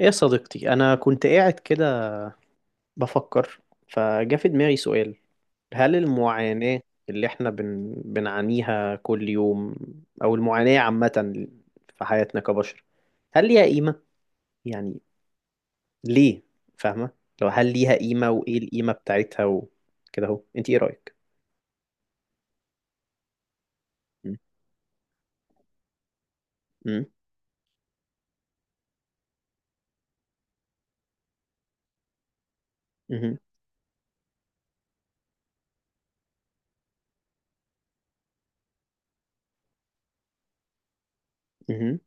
ايه يا صديقتي، انا كنت قاعد كده بفكر. فجا في دماغي سؤال. هل المعاناة اللي احنا بنعانيها كل يوم او المعاناة عامة في حياتنا كبشر هل ليها قيمة؟ يعني ليه؟ فاهمة؟ لو هل ليها قيمة وايه القيمة بتاعتها وكده اهو، انت ايه رأيك؟ مم. مم. مهم. مهم.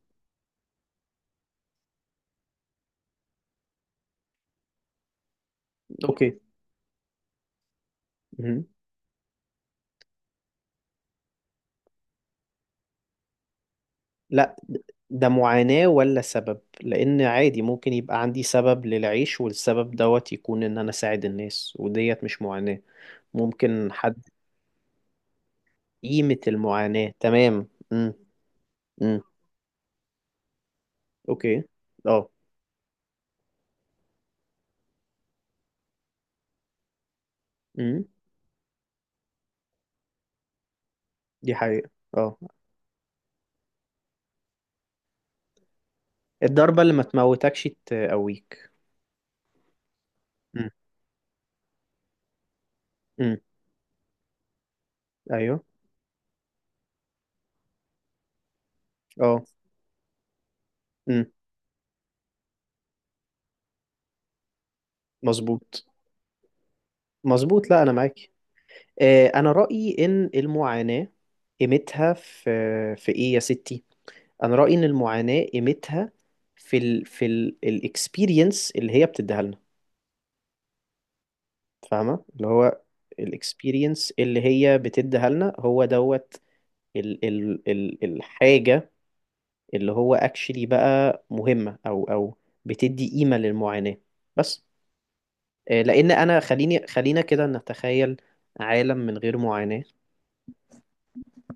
اوكي. مهم. لا، ده معاناة ولا سبب؟ لأن عادي ممكن يبقى عندي سبب للعيش، والسبب دوت يكون إن أنا أساعد الناس، وديت مش معاناة. ممكن حد. قيمة المعاناة. تمام. امم. امم. أوكي. اه. امم. دي حقيقة. اه. الضربة اللي ما تموتكش تقويك. امم. امم. أيوه. اه. امم. مظبوط. مظبوط، لا أنا معاكي. أنا رأيي إن المعاناة قيمتها في إيه يا ستي. انا رايي ان المعاناه قيمتها في الاكسبيرينس اللي هي بتديها لنا. فاهمه؟ اللي هو الاكسبيرينس اللي هي بتديها لنا هو دوت ال ال ال الحاجه اللي هو اكشلي بقى مهمه او بتدي قيمه للمعاناه بس. لان انا خلينا كده نتخيل عالم من غير معاناه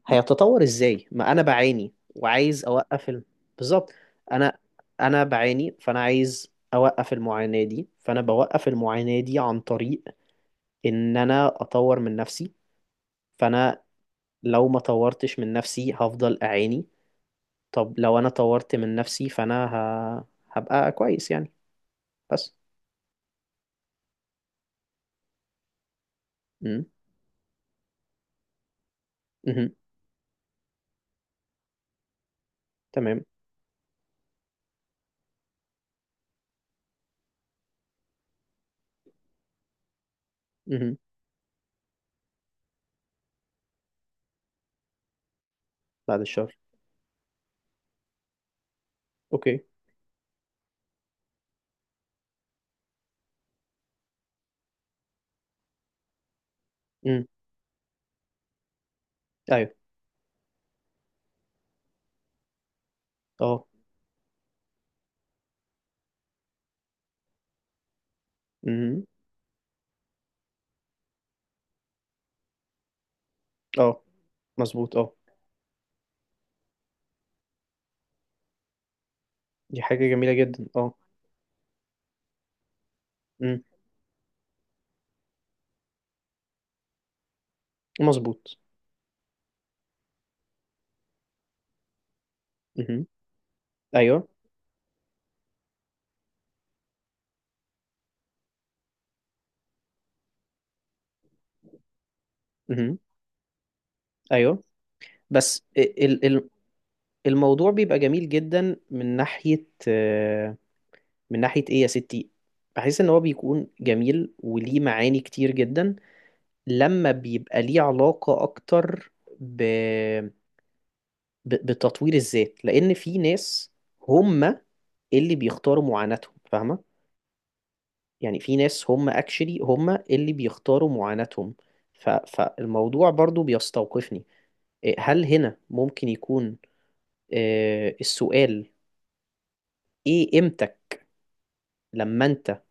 هيتطور ازاي؟ ما انا بعاني وعايز اوقف. بالظبط. انا انا بعاني، فانا عايز اوقف المعاناة دي، فانا بوقف المعاناة دي عن طريق ان انا اطور من نفسي. فانا لو ما طورتش من نفسي هفضل اعاني. طب لو انا طورت من نفسي فانا ه... هبقى كويس يعني. بس. امم. امم. تمام. امم. بعد الشر. اوكي. امم. ايوه. اه. امم. اه. مظبوط. اه، دي حاجة جميلة جدا. اه. امم. مظبوط. مهم. ايوه. مهم. ايوه. بس ال- ال- الموضوع بيبقى جميل جدا من ناحية ايه يا ستي. بحس ان هو بيكون جميل وليه معاني كتير جدا لما بيبقى ليه علاقة اكتر ب... بتطوير الذات، لان في ناس هم اللي بيختاروا معاناتهم. فاهمة؟ يعني في ناس هم اكشلي هم اللي بيختاروا معاناتهم. فالموضوع برضو بيستوقفني. إيه، هل هنا ممكن يكون السؤال ايه قيمتك لما انت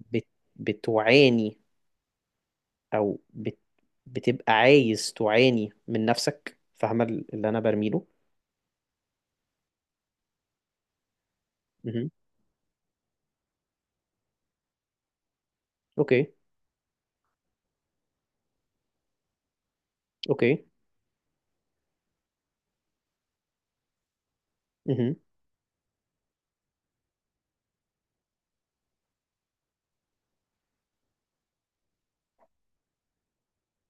بت بتعاني او بتبقى عايز تعاني من نفسك؟ فاهمة اللي انا برميله؟ مهم. اوكي. اوكي. مهم.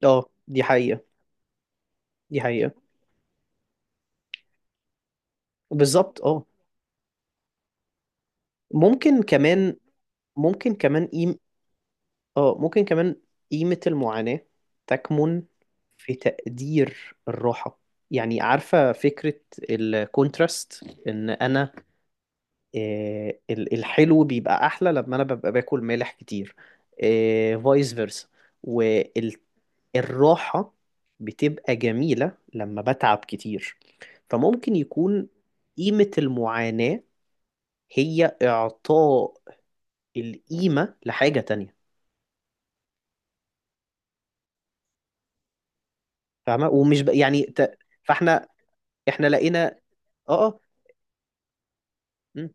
اه، دي حقيقة. دي حقيقة. بالظبط. اه، ممكن كمان. ممكن كمان قيم. اه، ممكن كمان. قيمة المعاناة تكمن في تقدير الراحة، يعني عارفة فكرة الكونتراست. ان انا الحلو بيبقى احلى لما انا ببقى باكل مالح كتير. فايس فيرسا. والراحة بتبقى جميلة لما بتعب كتير. فممكن يكون قيمة المعاناة هي إعطاء القيمة لحاجة تانية. فاهمة؟ ومش يعني فاحنا احنا لقينا. اه. اه. مم.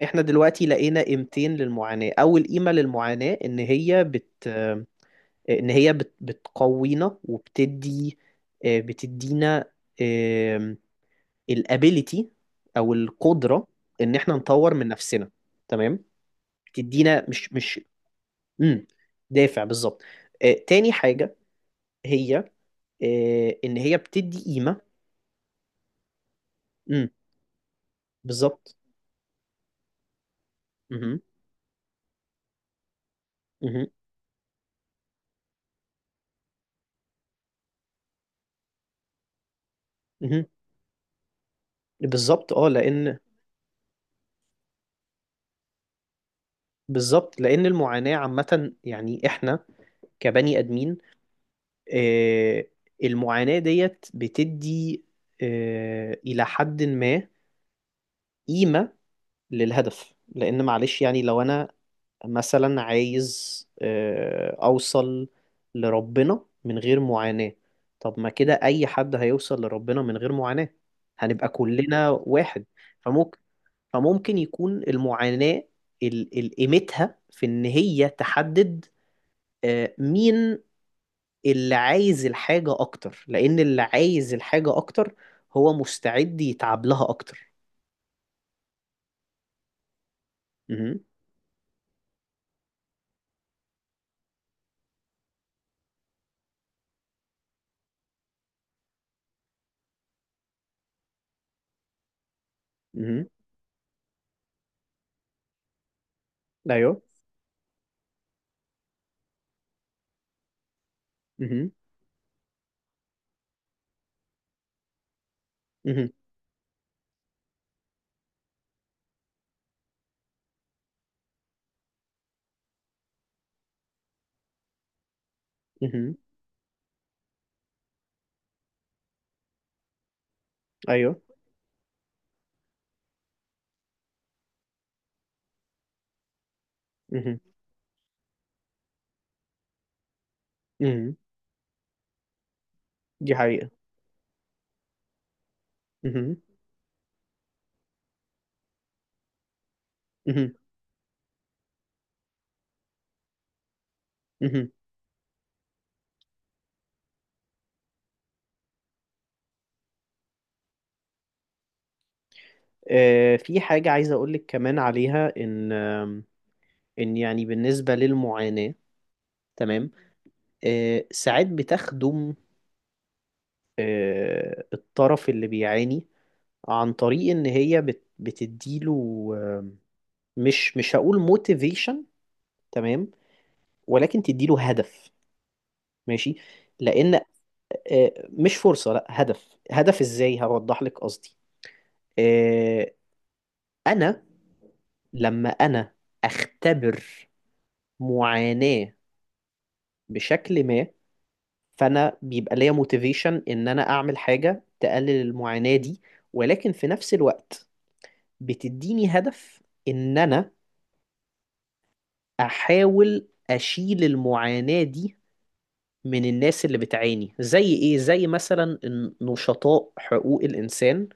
فاحنا دلوقتي لقينا قيمتين للمعاناة. أول قيمة للمعاناة إن هي بت ان هي بت- بتقوينا وبتدي، بتدينا الابيليتي او القدره ان احنا نطور من نفسنا. تمام. بتدينا مش مش مم. دافع، بالظبط. تاني حاجه هي ان هي بتدي قيمه. مم. بالظبط. مهم. مهم. مهم. بالظبط اه لان بالظبط لان المعاناه عامه، يعني احنا كبني ادمين. آه، المعاناة ديت بتدي إلى حد ما قيمة للهدف، لأن معلش يعني لو أنا مثلا عايز أوصل لربنا من غير معاناة. طب ما كده أي حد هيوصل لربنا من غير معاناة، هنبقى كلنا واحد. فممكن فممكن يكون المعاناة قيمتها في إن هي تحدد مين اللي عايز الحاجة أكتر، لأن اللي عايز الحاجة أكتر هو مستعد يتعب لها أكتر. مهم. مهم. أيوه. مهم. مهم. مهم. أيوه. مهم. مهم. دي حقيقة. مهم. مهم. مهم. في حاجة عايز أقولك كمان عليها. إن يعني بالنسبة للمعاناة، تمام، ساعات بتخدم الطرف اللي بيعاني عن طريق إن هي بتديله مش هقول موتيفيشن، تمام، ولكن تديله هدف، ماشي، لان مش فرصه، لا هدف. هدف ازاي؟ هوضح لك قصدي. آه، انا لما انا اختبر معاناه بشكل ما فانا بيبقى ليا موتيفيشن ان انا اعمل حاجه تقلل المعاناه دي، ولكن في نفس الوقت بتديني هدف ان انا احاول اشيل المعاناه دي من الناس اللي بتعاني. زي ايه؟ زي مثلا نشطاء حقوق الانسان.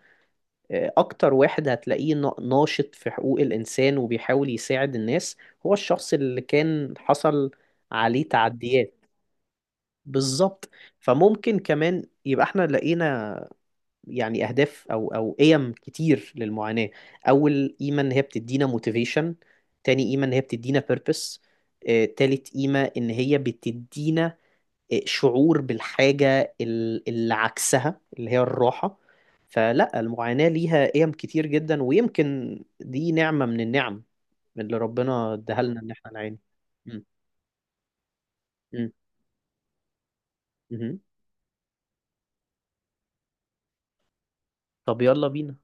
اكتر واحد هتلاقيه ناشط في حقوق الانسان وبيحاول يساعد الناس هو الشخص اللي كان حصل عليه تعديات. بالظبط. فممكن كمان يبقى احنا لقينا يعني اهداف او قيم كتير للمعاناة. اول قيمة ان هي بتدينا موتيفيشن. تاني قيمة ان هي بتدينا بيربس. تالت قيمة ان هي بتدينا شعور بالحاجة اللي عكسها اللي هي الراحة. فلا، المعاناة ليها قيم كتير جدا، ويمكن دي نعمة من النعم اللي ربنا اداها لنا ان احنا نعاني. م- م- مهم. طب يلا بينا.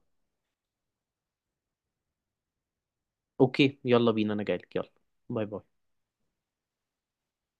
اوكي يلا بينا، انا جايلك يلا. باي باي.